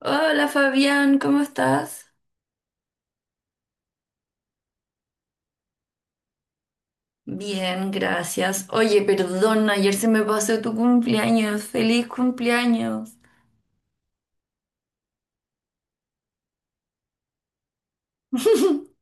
Hola Fabián, ¿cómo estás? Bien, gracias. Oye, perdón, ayer se me pasó tu cumpleaños. ¡Feliz cumpleaños!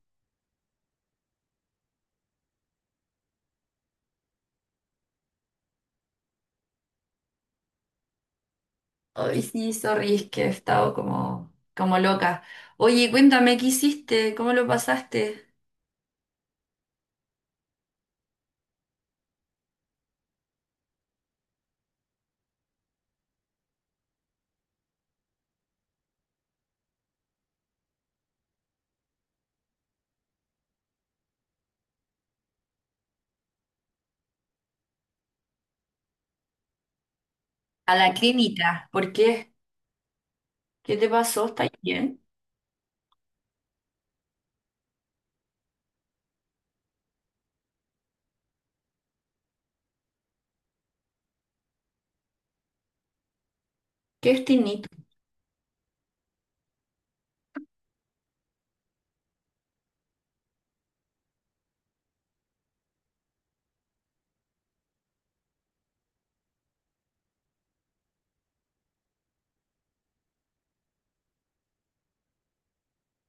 Ay, sí, sorry, es que he estado como loca. Oye, cuéntame, ¿qué hiciste? ¿Cómo lo pasaste? A la clínica. ¿Por qué? ¿Qué te pasó? ¿Estás bien? ¿Qué es tinnitus?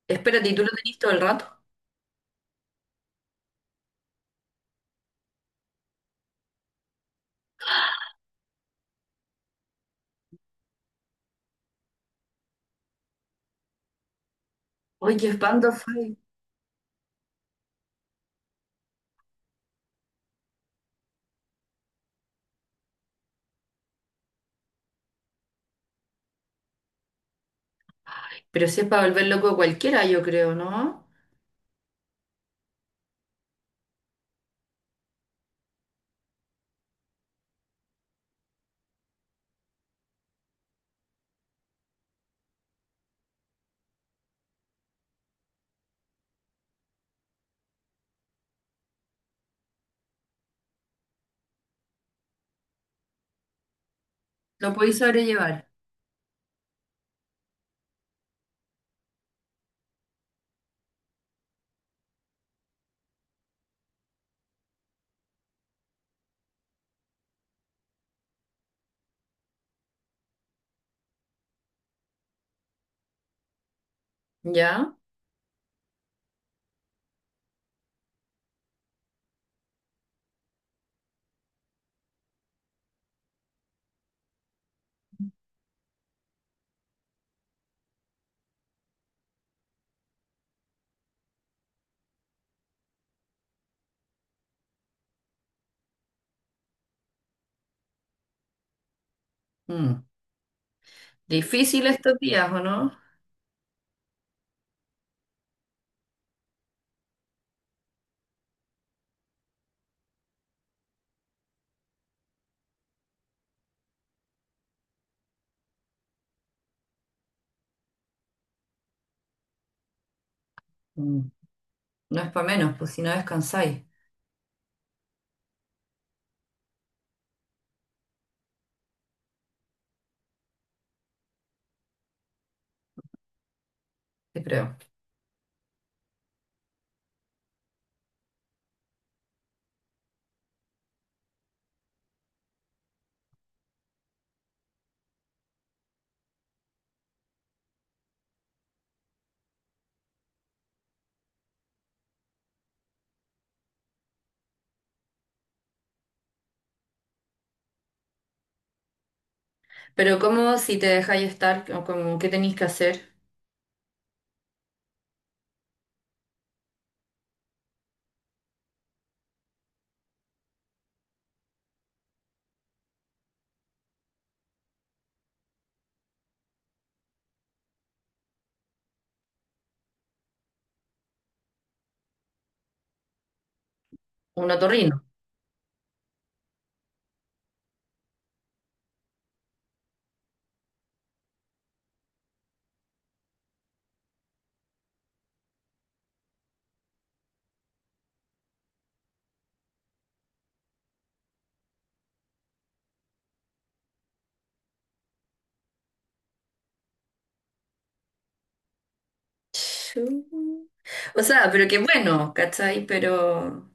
Espérate, ¿y tú lo tenés todo el rato? Oye, qué espanto fue. Pero si es para volver loco a cualquiera, yo creo, ¿no? Lo podéis sobrellevar. ¿Ya? Mm. Difícil estos días, ¿o no? Mm. No es para menos, pues si no descansáis, yo creo. Pero ¿cómo si te dejáis estar? ¿¿Cómo qué tenéis que hacer? Un otorrino. Chu. O sea, pero qué bueno, ¿cachai? Pero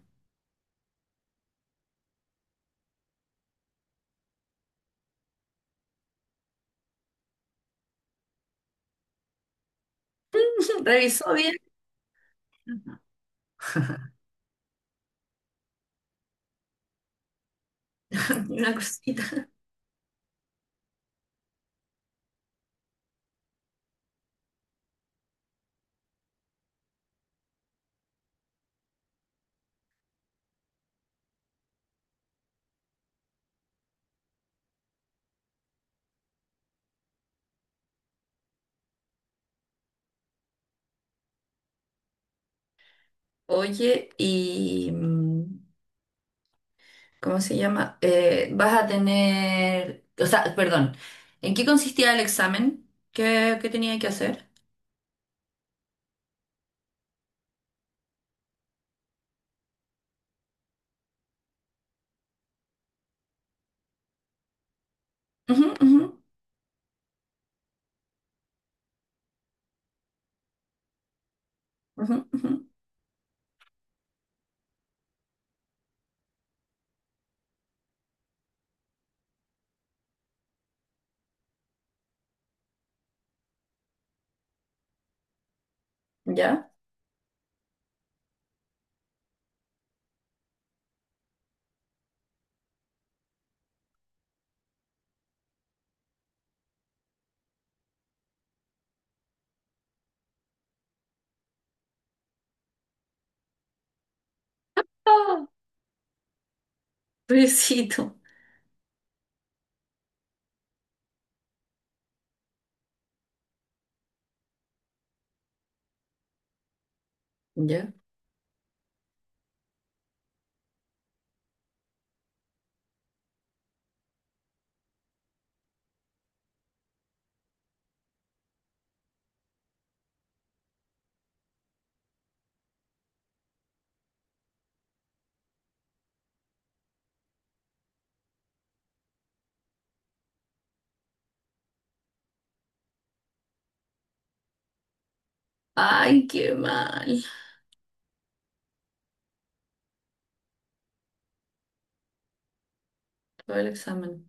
revisó bien una cosita. Oye, y ¿cómo se llama? Vas a tener, o sea, perdón, ¿en qué consistía el examen? ¿Qué, qué tenía que hacer? Ujú, ujú, ujú, ujú. ¿Ya? Ah, pobrecito. ¿Ya? Ay, qué mal. Todo el examen.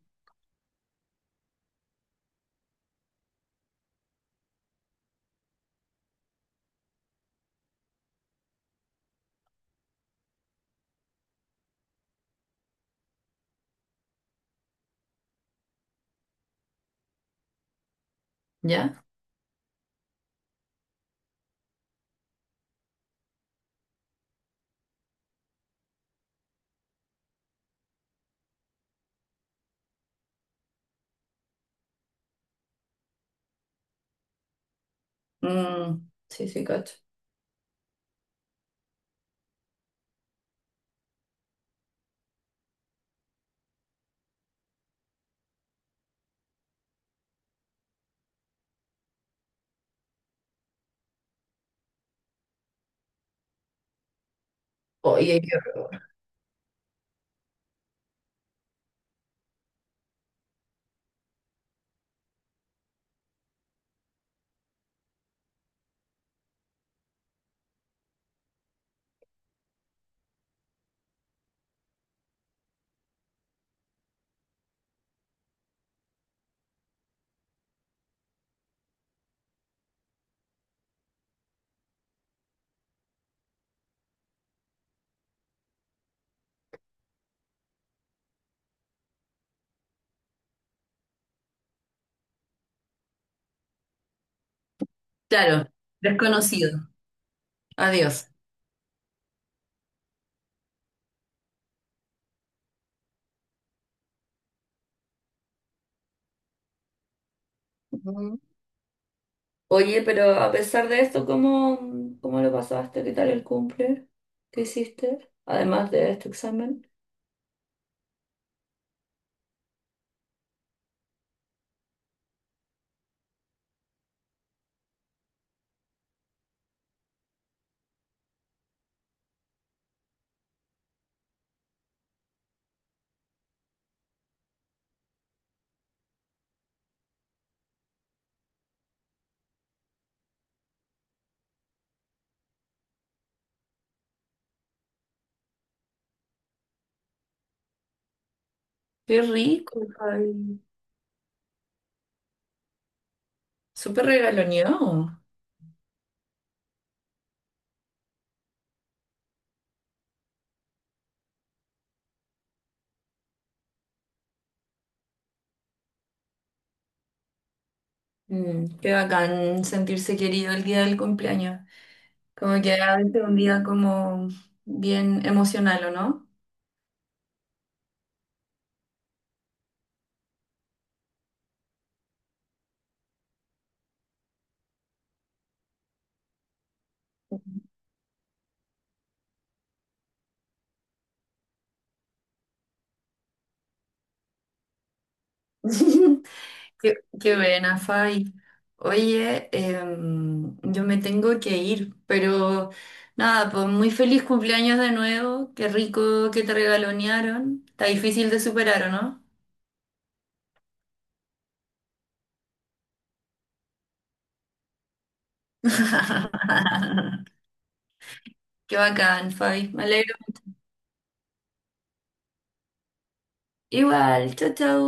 ¿Ya? Mm, sí, sí, cacho. Oye, qué- horror. Claro, desconocido. Adiós. Ujú. Oye, pero a pesar de esto, ¿cómo, cómo lo pasaste? ¿Qué tal el cumple? ¿Qué hiciste? Además de este examen. Qué rico, Javi. Súper regaloneado. Mm. Qué bacán sentirse querido el día del cumpleaños. Como que a veces un día como bien emocional, ¿o no? Qué, qué buena, Fai. Oye, yo me tengo que ir, pero nada, pues muy feliz cumpleaños de nuevo. Qué rico que te regalonearon. Está difícil de superar, ¿o no? Qué bacán, Fai. Me alegro. Igual, chau, chau.